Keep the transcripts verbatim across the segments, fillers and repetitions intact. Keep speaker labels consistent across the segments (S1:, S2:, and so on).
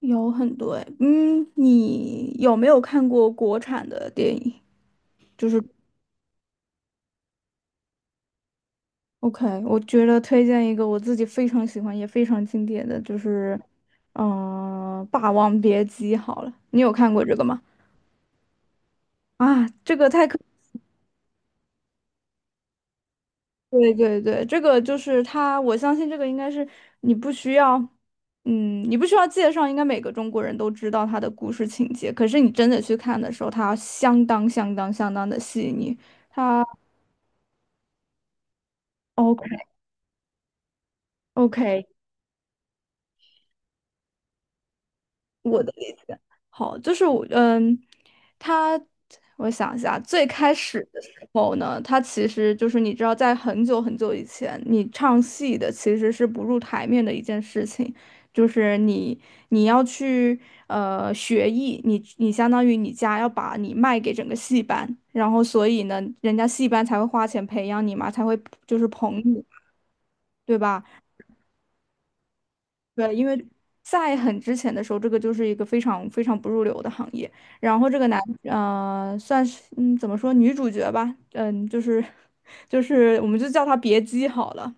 S1: 有很多哎，嗯，你有没有看过国产的电影？就是。 OK，我觉得推荐一个我自己非常喜欢也非常经典的，就是嗯，呃霸王别姬》好了，你有看过这个吗？啊，这个太可。对对对，这个就是它，我相信这个应该是你不需要，嗯，你不需要介绍，应该每个中国人都知道它的故事情节。可是你真的去看的时候，它相当相当相当的细腻。OK，OK，我的理解。好，就是我，嗯，他，我想一下。最开始的时候呢，他其实就是你知道，在很久很久以前，你唱戏的其实是不入台面的一件事情。就是你你要去呃学艺，你你相当于你家要把你卖给整个戏班，然后所以呢，人家戏班才会花钱培养你嘛，才会就是捧你。对吧？对，因为在很之前的时候，这个就是一个非常非常不入流的行业。然后这个男，呃，算是嗯，怎么说女主角吧，嗯，就是 就是我们就叫她别姬好了。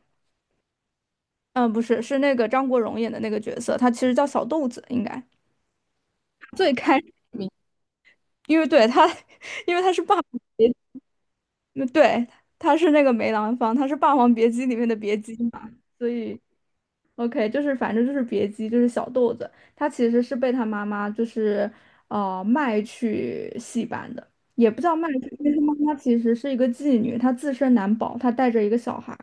S1: 嗯，不是，是那个张国荣演的那个角色，他其实叫小豆子，应该最开，因为对他，因为他是霸。那对，他是那个梅兰芳，他是《霸王别姬》里面的别姬嘛，所以 OK，就是反正就是别姬，就是小豆子。他其实是被他妈妈就是呃卖去戏班的，也不叫卖去，因为他妈妈其实是一个妓女，她自身难保，她带着一个小孩。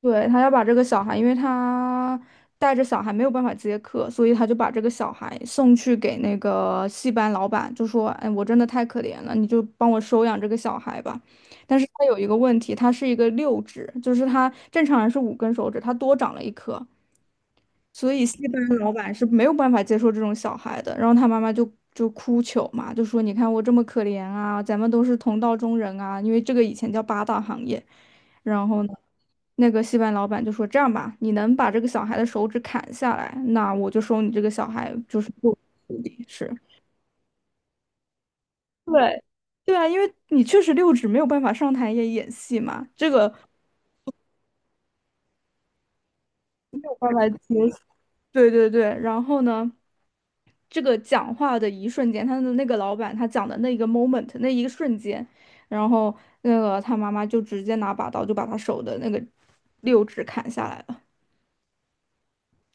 S1: 对，他要把这个小孩，因为他带着小孩没有办法接客，所以他就把这个小孩送去给那个戏班老板，就说：“哎，我真的太可怜了，你就帮我收养这个小孩吧。”但是他有一个问题，他是一个六指，就是他正常人是五根手指，他多长了一颗。所以戏班牙老板是没有办法接受这种小孩的，然后他妈妈就就哭求嘛，就说你看我这么可怜啊，咱们都是同道中人啊，因为这个以前叫八大行业。然后呢，那个戏班牙老板就说这样吧，你能把这个小孩的手指砍下来，那我就收你这个小孩就是做徒弟，是。对，对啊，因为你确实六指没有办法上台演演戏嘛，这个没有办法接。对对对，然后呢？这个讲话的一瞬间，他的那个老板他讲的那一个 moment， 那一个瞬间，然后那个他妈妈就直接拿把刀就把他手的那个六指砍下来了。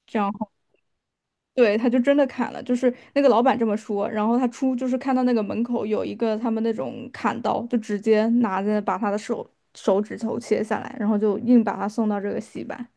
S1: 这样后对，他就真的砍了，就是那个老板这么说，然后他出就是看到那个门口有一个他们那种砍刀，就直接拿着把他的手手指头切下来，然后就硬把他送到这个戏班。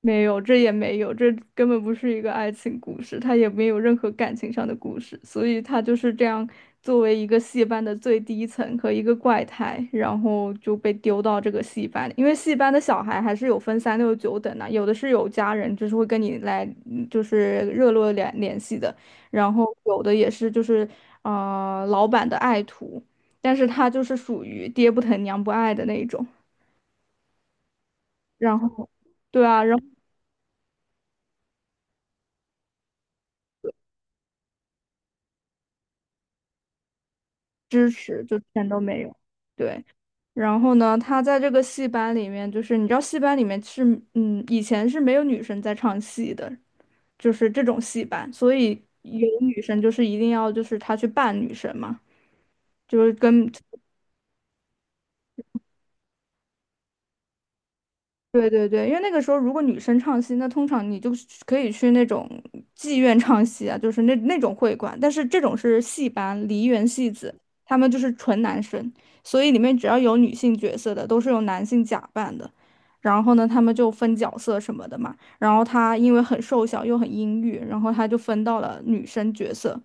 S1: 没有，这也没有，这根本不是一个爱情故事，他也没有任何感情上的故事，所以他就是这样作为一个戏班的最低层和一个怪胎，然后就被丢到这个戏班里。因为戏班的小孩还是有分三六九等的，有的是有家人，就是会跟你来，嗯就是热络联联系的，然后有的也是就是呃老板的爱徒，但是他就是属于爹不疼娘不爱的那一种。然后。对啊，然后。支持，就全都没有。对，然后呢，他在这个戏班里面，就是你知道戏班里面是，嗯，以前是没有女生在唱戏的，就是这种戏班，所以有女生就是一定要就是他去扮女生嘛，就是跟对对对，因为那个时候如果女生唱戏，那通常你就是可以去那种妓院唱戏啊，就是那那种会馆。但是这种是戏班、梨园戏子，他们就是纯男生，所以里面只要有女性角色的，都是用男性假扮的。然后呢，他们就分角色什么的嘛。然后他因为很瘦小又很阴郁，然后他就分到了女生角色。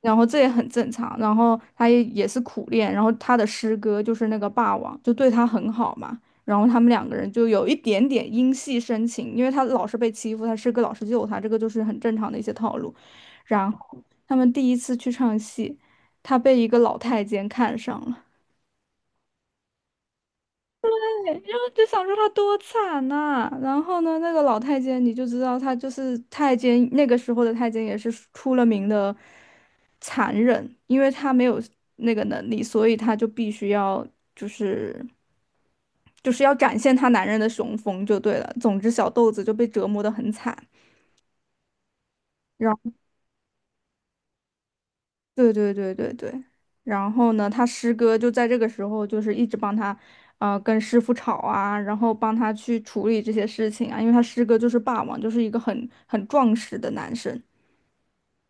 S1: 然后这也很正常。然后他也也是苦练，然后他的师哥就是那个霸王，就对他很好嘛。然后他们两个人就有一点点因戏生情，因为他老是被欺负，他师哥老是救他，这个就是很正常的一些套路。然后他们第一次去唱戏，他被一个老太监看上了。就想说他多惨呐、然后呢，那个老太监你就知道他就是太监，那个时候的太监也是出了名的残忍，因为他没有那个能力，所以他就必须要就是就是要展现他男人的雄风就对了。总之，小豆子就被折磨得很惨。对对对对对，然后呢，他师哥就在这个时候就是一直帮他，呃，跟师傅吵啊，然后帮他去处理这些事情啊，因为他师哥就是霸王，就是一个很很壮实的男生。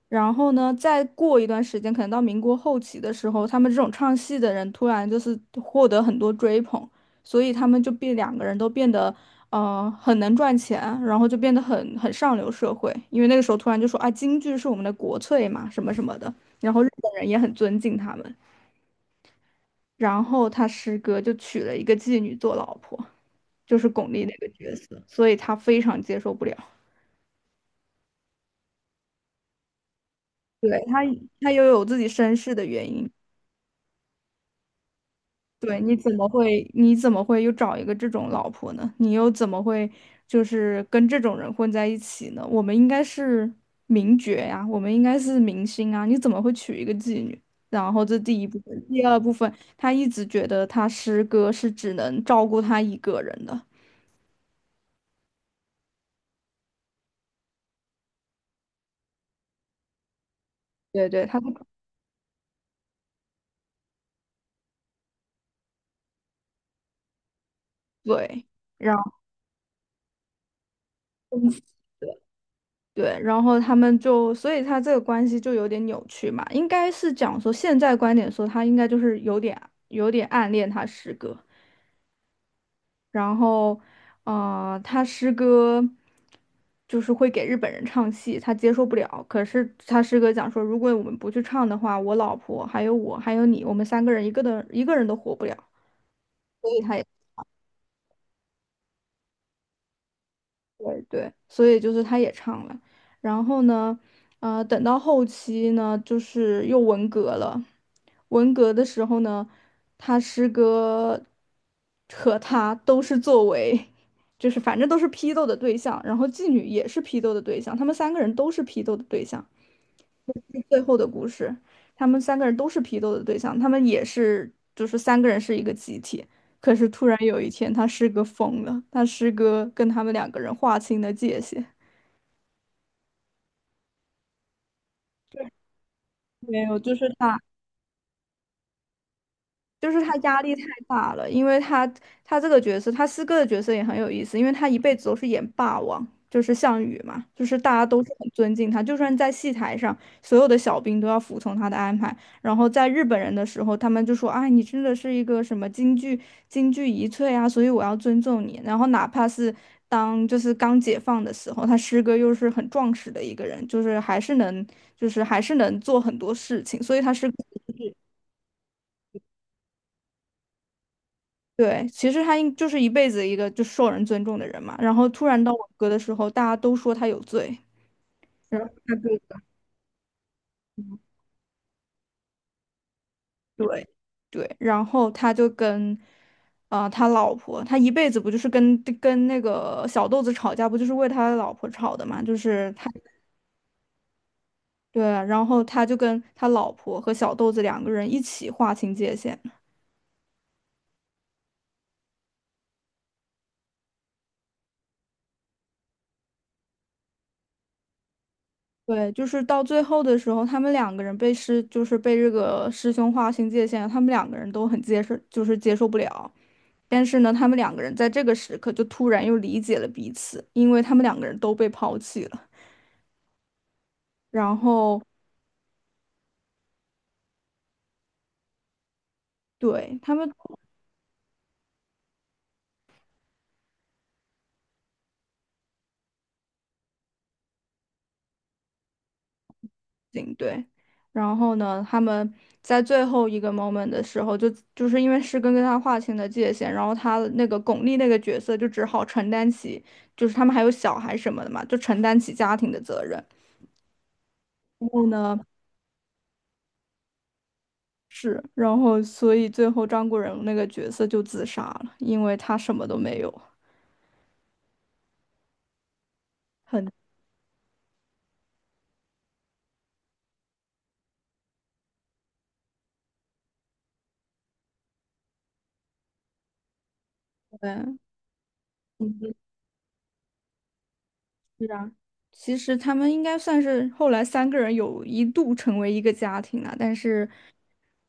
S1: 然后呢，再过一段时间，可能到民国后期的时候，他们这种唱戏的人突然就是获得很多追捧，所以他们就变两个人都变得呃很能赚钱，然后就变得很很上流社会，因为那个时候突然就说啊，京剧是我们的国粹嘛，什么什么的，然后日本人也很尊敬他们。然后他师哥就娶了一个妓女做老婆，就是巩俐那个角色，所以他非常接受不了。对，他他又有自己身世的原因。对，你怎么会，你怎么会又找一个这种老婆呢？你又怎么会就是跟这种人混在一起呢？我们应该是名角呀，我们应该是明星啊，你怎么会娶一个妓女？然后这第一部分，第二部分，他一直觉得他师哥是只能照顾他一个人的。对对，他对，然后对，然后他们就，所以他这个关系就有点扭曲嘛，应该是讲说现在观点说他应该就是有点有点暗恋他师哥。然后，呃，他师哥就是会给日本人唱戏，他接受不了。可是他师哥讲说，如果我们不去唱的话，我老婆还有我还有你，我们三个人一个都一个人都活不了。所以他也。对对，所以就是他也唱了。然后呢，呃，等到后期呢，就是又文革了。文革的时候呢，他师哥和他都是作为，就是反正都是批斗的对象，然后妓女也是批斗的对象，他们三个人都是批斗的对象。最后的故事，他们三个人都是批斗的对象，他们也是就是三个人是一个集体。可是突然有一天，他师哥疯了，他师哥跟他们两个人划清了界限。没有，就是他。就是他压力太大了，因为他他这个角色，他师哥的角色也很有意思，因为他一辈子都是演霸王，就是项羽嘛，就是大家都是很尊敬他，就算在戏台上，所有的小兵都要服从他的安排。然后在日本人的时候，他们就说：“啊，你真的是一个什么京剧京剧遗粹啊，所以我要尊重你。”然后哪怕是当就是刚解放的时候，他师哥又是很壮实的一个人，就是还是能就是还是能做很多事情，所以他是。对，其实他应就是一辈子一个就受人尊重的人嘛，然后突然到我哥的时候，大家都说他有罪。然后对对，然后他就跟，啊、他老婆，他一辈子不就是跟跟那个小豆子吵架，不就是为他老婆吵的嘛，就是他对，然后他就跟他老婆和小豆子两个人一起划清界限。对，就是到最后的时候，他们两个人被师，就是被这个师兄划清界限，他们两个人都很接受，就是接受不了。但是呢，他们两个人在这个时刻就突然又理解了彼此，因为他们两个人都被抛弃了。然后，对，他们行，对，然后呢，他们在最后一个 moment 的时候就，就是因为师根跟他划清了界限，然后他那个巩俐那个角色就只好承担起，就是他们还有小孩什么的嘛，就承担起家庭的责任。然后呢？是，然后所以最后张国荣那个角色就自杀了，因为他什么都没有。很对，嗯，是啊，其实他们应该算是后来三个人有一度成为一个家庭了，但是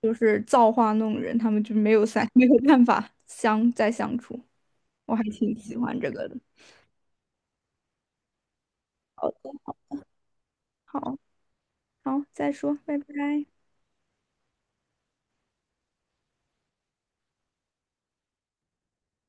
S1: 就是造化弄人，他们就没有三 没有办法相再相处。我还挺喜欢这个的。好的，好，好，再说，拜拜。